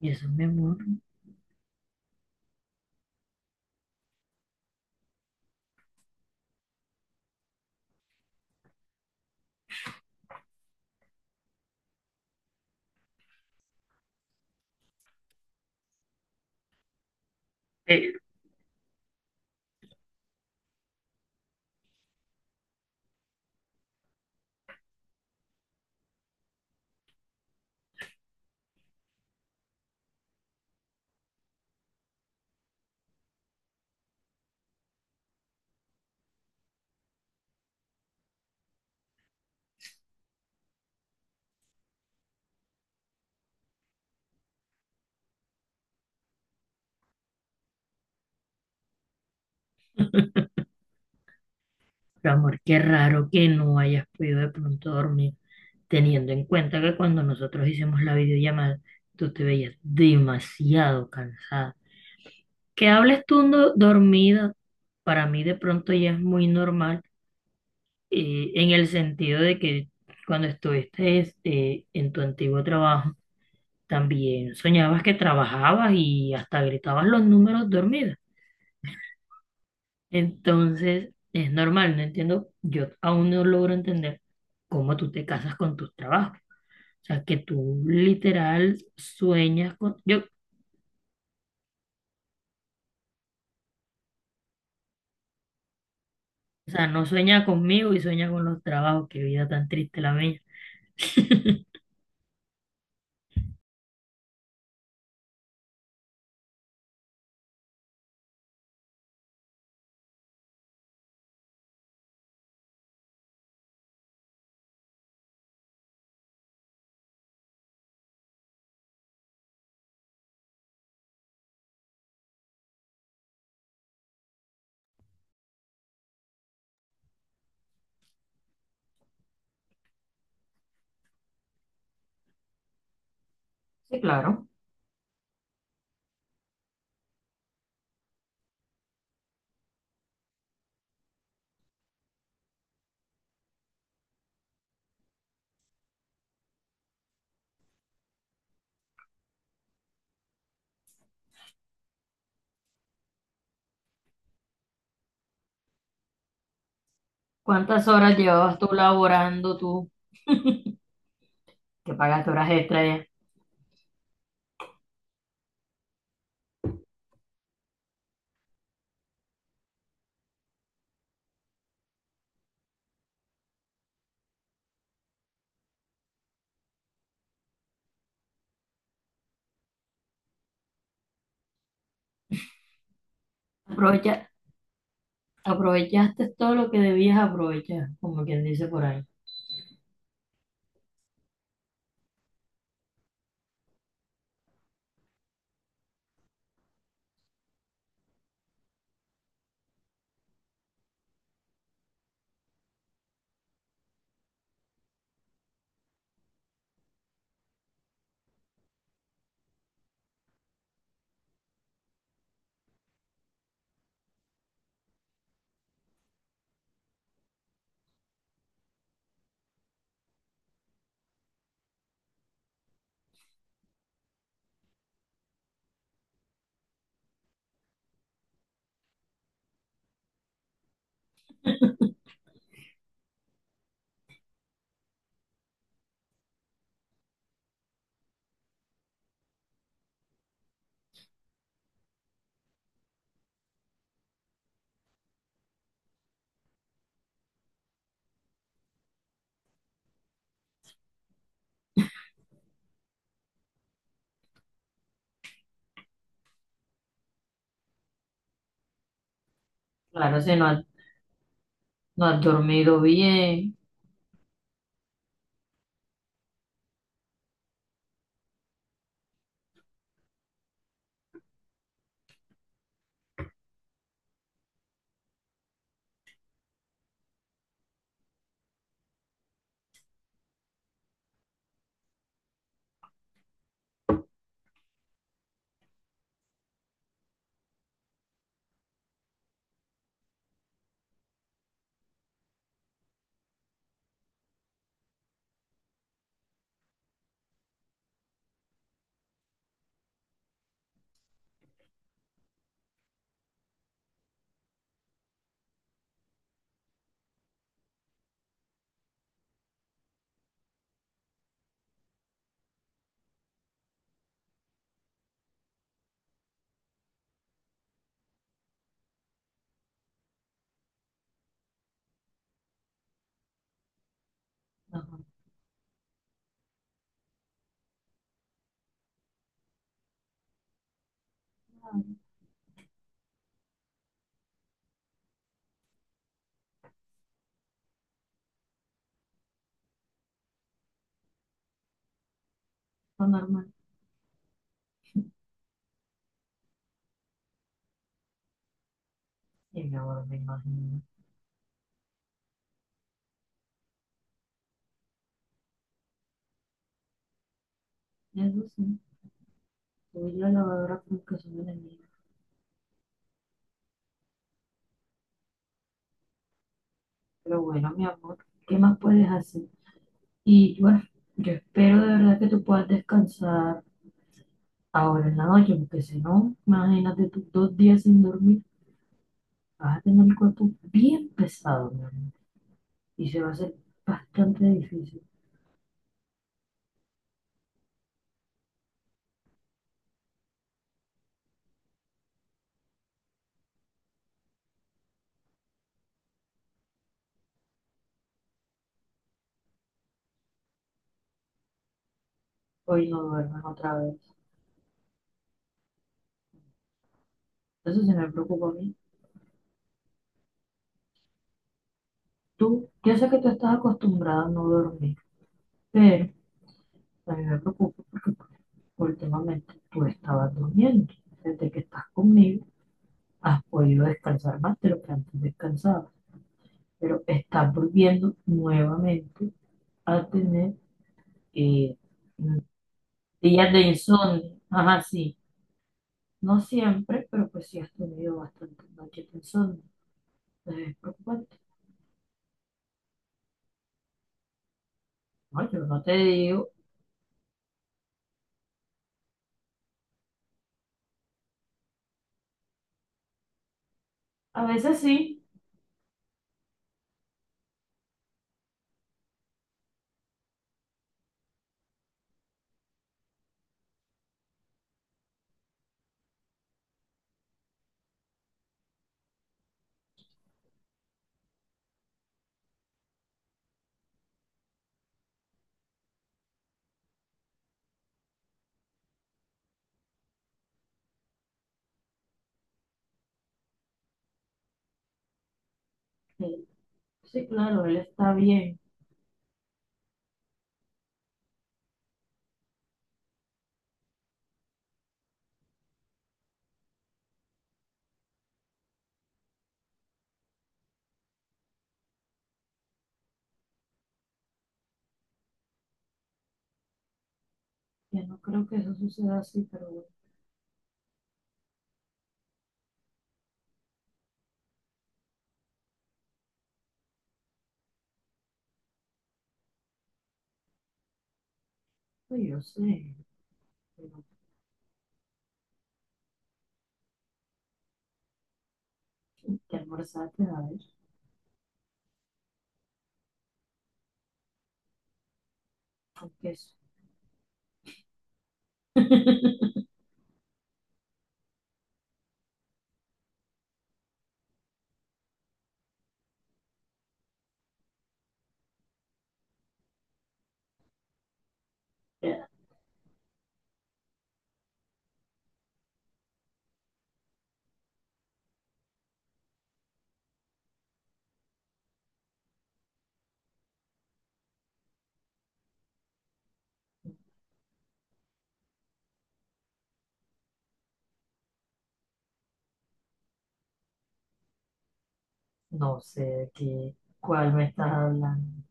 Y eso, eh, mi amor, qué raro que no hayas podido de pronto dormir, teniendo en cuenta que cuando nosotros hicimos la videollamada, tú te veías demasiado cansada. Que hables tú dormida, para mí de pronto ya es muy normal, en el sentido de que cuando estuviste en tu antiguo trabajo, también soñabas que trabajabas y hasta gritabas los números dormidos. Entonces, es normal, no entiendo, yo aún no logro entender cómo tú te casas con tus trabajos. O sea, que tú literal sueñas con, yo, o sea, no sueña conmigo y sueña con los trabajos, qué vida tan triste la mía. Sí, claro. ¿Cuántas horas llevabas tú laborando tú que pagaste horas extra ya? Aprovecha- Aprovechaste todo lo que debías aprovechar, como quien dice por ahí. Claro, no has dormido bien, no, no, normal. Sí, mi amor, me imagino. Eso sí. Yo y la lavadora como que son enemigas. Pero bueno, mi amor, ¿qué más puedes hacer? Y bueno, yo espero de verdad que tú puedas descansar ahora en la noche, porque si no, imagínate tú dos días sin dormir, vas a tener el cuerpo bien pesado, mi amor. Y se va a hacer bastante difícil. Hoy no duermes otra vez. Eso sí me preocupa a mí. Tú, yo sé que tú estás acostumbrada a no dormir, pero a mí me preocupa porque últimamente tú estabas durmiendo. Desde que estás conmigo has podido descansar más de lo que antes descansaba, pero estás volviendo nuevamente a tener eh, días de insomnio. Ajá, sí, no siempre, pero pues sí has tenido bastantes noches de insomnio. Entonces es preocupante. No, yo no te digo, a veces sí, eh, sí, claro, él está bien. Yo no creo que eso suceda así, pero bueno, pues yo sé, pero ¿qué almorzaste a ver? Con queso. No sé de qué, cuál me estás hablando.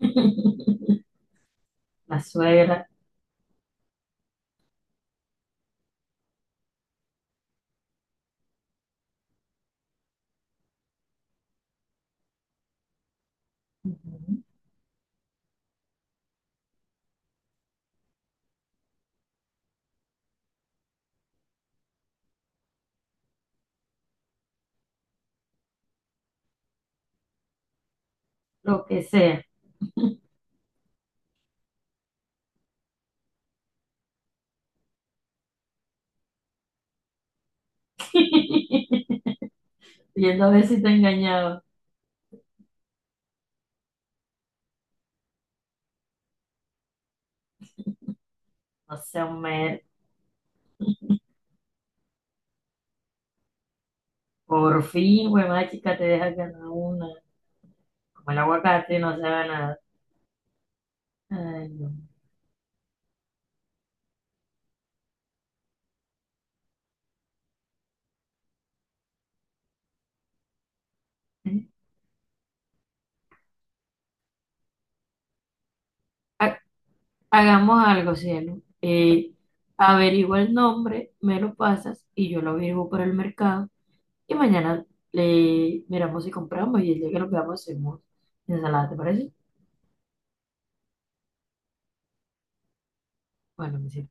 La suegra, ujú, lo que sea. Viendo a ver si te engañaba. No sea un mer. Por fin, güey, chica, te dejas ganar una. Como el aguacate no se haga nada. Ay, no. Ha- Hagamos algo, cielo. Averigua el nombre, me lo pasas y yo lo averiguo por el mercado. Y mañana le miramos si compramos, y el día que lo veamos hacemos ensalada, ¿te parece? Bueno, me sirve.